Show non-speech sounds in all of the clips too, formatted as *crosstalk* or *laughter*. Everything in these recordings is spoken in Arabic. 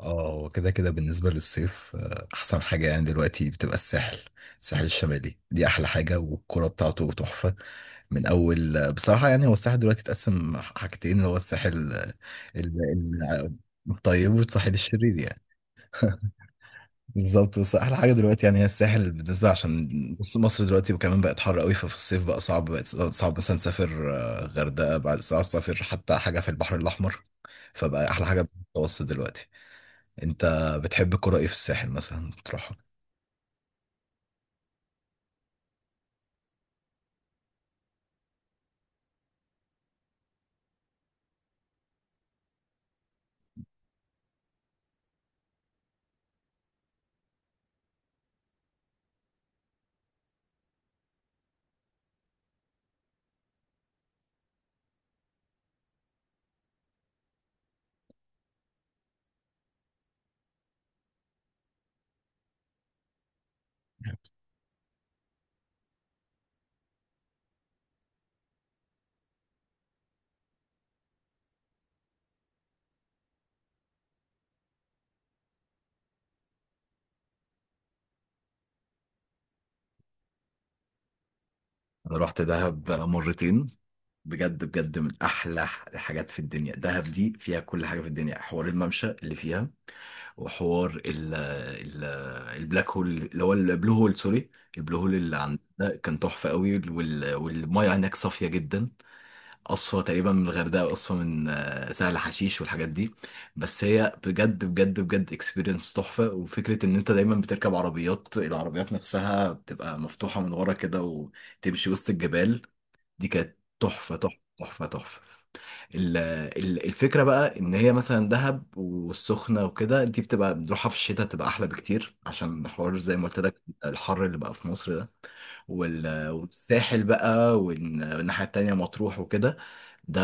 اه، هو كده كده بالنسبة للصيف، أحسن حاجة يعني دلوقتي بتبقى الساحل الشمالي. دي أحلى حاجة، والكرة بتاعته تحفة. من أول بصراحة يعني هو الساحل دلوقتي اتقسم حاجتين، اللي هو الساحل ال- ال- الطيب والساحل الشرير يعني. بالظبط. بس أحلى حاجة دلوقتي يعني هي الساحل، بالنسبة عشان بص مصر دلوقتي كمان بقت حر قوي، ففي الصيف بقى صعب، بقت صعب مثلا تسافر غردقة، بعد صعب تسافر حتى حاجة في البحر الأحمر، فبقى أحلى حاجة المتوسط دلوقتي. انت بتحب الكرة ايه في الساحل؟ مثلا بتروحها؟ انا رحت دهب مرتين. بجد بجد، من احلى الحاجات في الدنيا. دهب دي فيها كل حاجه في الدنيا، حوار الممشى اللي فيها، وحوار ال البلاك هول اللي هو البلو هول، سوري، البلو هول اللي عند ده كان تحفه قوي. والميه هناك صافيه جدا. قصفة تقريبا من الغردقة، وقصفة من سهل حشيش والحاجات دي. بس هي بجد بجد بجد اكسبيرينس تحفة، وفكرة ان انت دايما بتركب عربيات، العربيات نفسها بتبقى مفتوحة من ورا كده، وتمشي وسط الجبال. دي كانت تحفة تحفة تحفة تحفة. ال- الفكرة بقى ان هي مثلا دهب والسخنة وكده، دي بتبقى بنروحها في الشتاء، بتبقى احلى بكتير، عشان حوار زي ما قلت لك الحر اللي بقى في مصر ده. والساحل بقى، والناحية التانية مطروح وكده، ده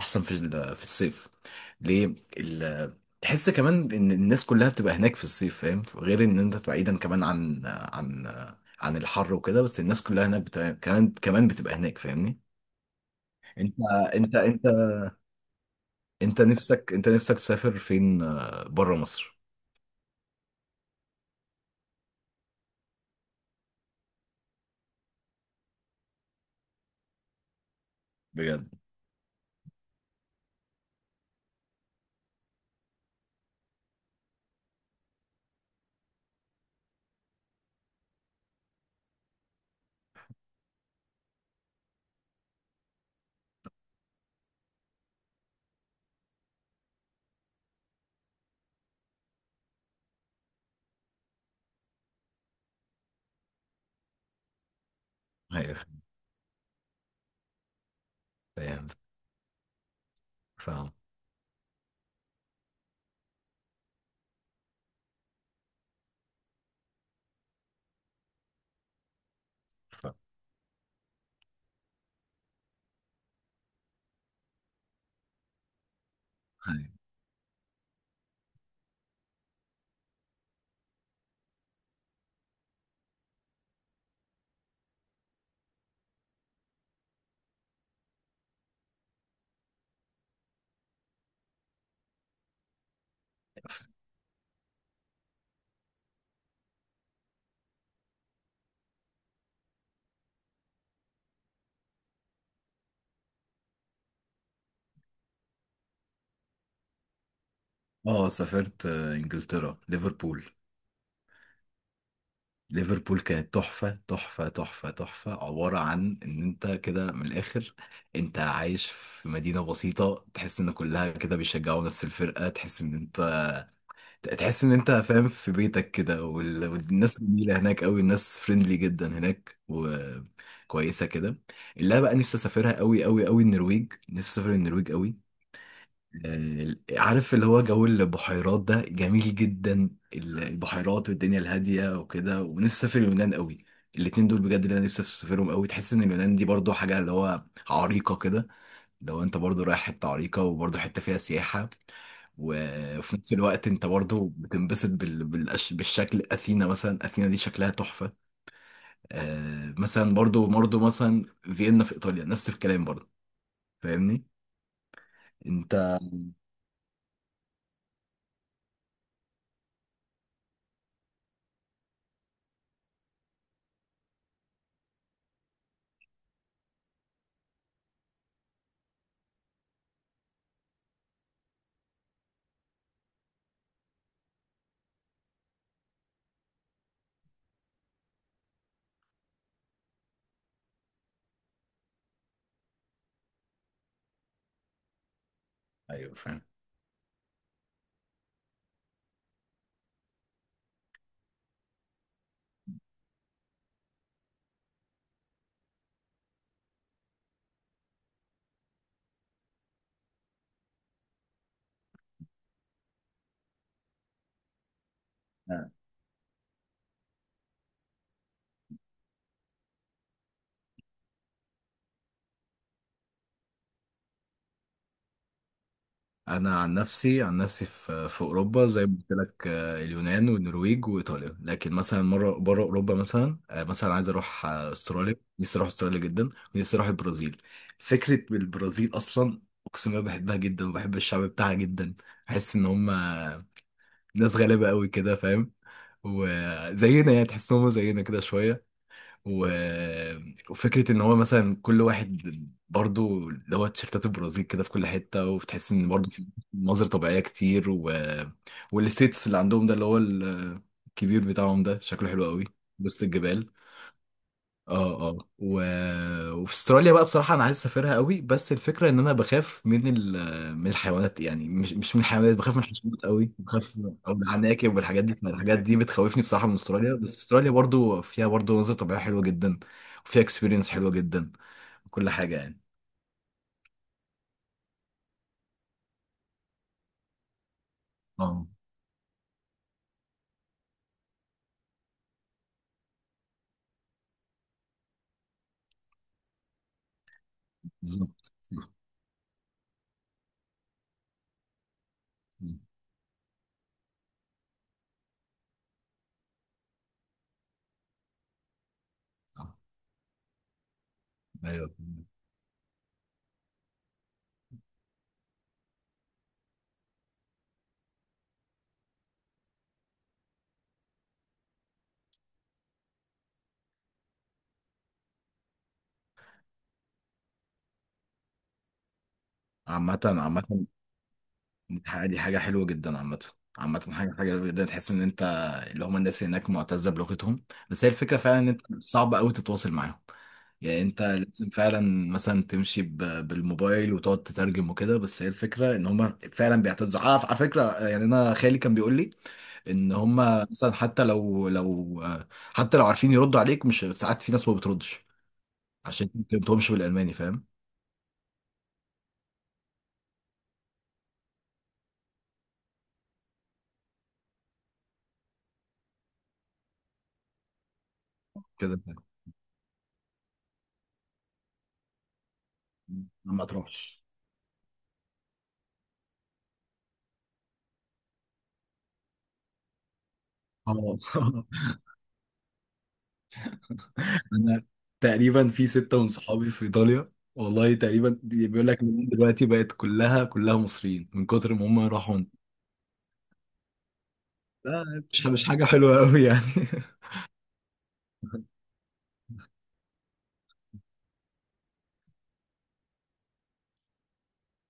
احسن في في الصيف. ليه تحس كمان ان الناس كلها بتبقى هناك في الصيف، فاهم، غير ان انت تبقى بعيدا كمان عن الحر وكده، بس الناس كلها هناك كمان كمان بتبقى هناك، فاهمني؟ انت انت انت انت نفسك تسافر فين، بره مصر؟ بجد؟ ايوه فاهم فاهم فاهم. أيوة. اه، سافرت انجلترا، ليفربول. ليفربول كانت تحفة تحفة تحفة تحفة، عبارة عن إن أنت كده من الآخر أنت عايش في مدينة بسيطة، تحس إن كلها كده بيشجعوا نفس الفرقة، تحس إن أنت فاهم في بيتك كده. والناس جميلة هناك أوي، الناس فريندلي جدا هناك وكويسة كده. اللي أنا بقى نفسي أسافرها أوي أوي أوي النرويج، نفسي أسافر النرويج أوي. عارف اللي هو جو البحيرات ده جميل جدا، البحيرات والدنيا الهادية وكده. ونفسي أسافر اليونان قوي. الاتنين دول بجد اللي أنا نفسي أسافرهم قوي. تحس إن اليونان دي برضو حاجة اللي هو عريقة كده، لو أنت برضو رايح حتة عريقة، وبرضو حتة فيها سياحة، وفي نفس الوقت أنت برضو بتنبسط بالشكل. أثينا مثلا، أثينا دي شكلها تحفة. مثلا برضو مثلا فيينا، في إيطاليا نفس الكلام برضو، فاهمني؟ أنت. أيوه فاهم. انا عن نفسي في اوروبا زي ما قلت لك اليونان والنرويج وايطاليا، لكن مثلا مره بره اوروبا مثلا، مثلا عايز اروح استراليا، نفسي اروح استراليا جدا. ونفسي اروح البرازيل. فكره البرازيل اصلا اقسم بالله بحبها جدا، وبحب الشعب بتاعها جدا، بحس ان هم ناس غلابه قوي كده، فاهم، وزينا، يعني تحس ان هم زينا كده شويه. و... وفكرة ان هو مثلا كل واحد برضو اللي هو تيشيرتات البرازيل كده في كل حتة، وبتحس ان برضو في مناظر طبيعية كتير. والستيتس اللي عندهم ده اللي هو الكبير بتاعهم ده شكله حلو قوي، وسط الجبال. اه اه. وفي استراليا بقى بصراحة أنا عايز أسافرها قوي، بس الفكرة إن أنا بخاف من من الحيوانات، يعني مش من الحيوانات، بخاف من الحشرات قوي، بخاف. أو العناكب والحاجات دي، الحاجات دي بتخوفني بصراحة من استراليا. بس استراليا برضو فيها برضو مناظر طبيعية حلوة جدا، وفيها اكسبيرينس حلوة جدا وكل حاجة يعني. اه. بالظبط. آه. ايوه. عامة عامة، دي حاجة حلوة جدا عامة. عامة، حاجة حلوة جدا، تحس ان انت اللي هم الناس هناك معتزة بلغتهم. بس هي الفكرة فعلا ان انت صعب قوي تتواصل معاهم، يعني انت لازم فعلا مثلا تمشي بالموبايل وتقعد تترجم وكده. بس هي الفكرة ان هم فعلا بيعتزوا على فكرة، يعني انا خالي كان بيقول لي ان هم مثلا، حتى لو عارفين يردوا عليك، مش ساعات في ناس ما بتردش عشان ما تكلمتهمش بالالماني، فاهم؟ كده ما تروحش. اه. *laughs* انا تقريبا في ستة من صحابي في ايطاليا، والله تقريبا بيقول لك إن دلوقتي بقت كلها كلها مصريين من كتر ما هم راحوا هنا. لا مش حاجة حلوة قوي يعني.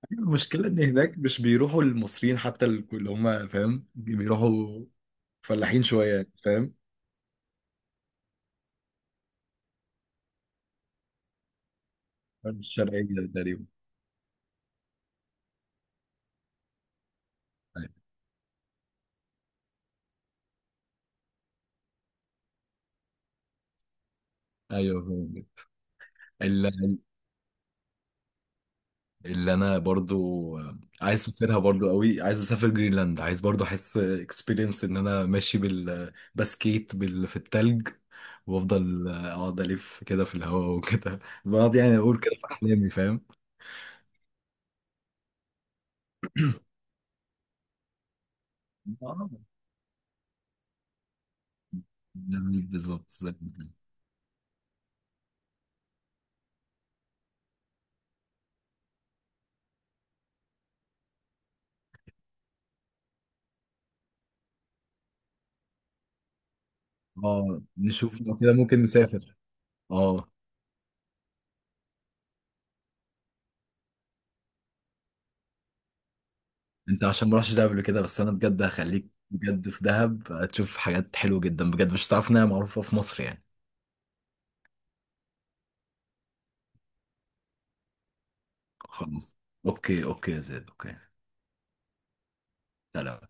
*laughs* المشكلة ان هناك مش بيروحوا المصريين، حتى اللي هم فاهم بيروحوا فلاحين شوية يعني، فاهم. الشرقية، تقريبا. ايوه. أيوة، فاهم. اللي انا برضو عايز اسافرها برضو قوي، عايز اسافر جرينلاند، عايز برضو احس اكسبيرينس ان انا ماشي بالبسكيت في التلج، وافضل اقعد الف كده في الهواء وكده، بقعد يعني اقول كده في احلامي، فاهم. اه، جميل، بالظبط زي ما قلت. اه، نشوف لو كده ممكن نسافر. اه، انت عشان ما رحتش دهب قبل كده، بس انا بجد هخليك بجد في دهب، هتشوف حاجات حلوه جدا بجد، مش هتعرف انها معروفه في مصر يعني. خلاص. اوكي اوكي يا زيد. اوكي. سلام.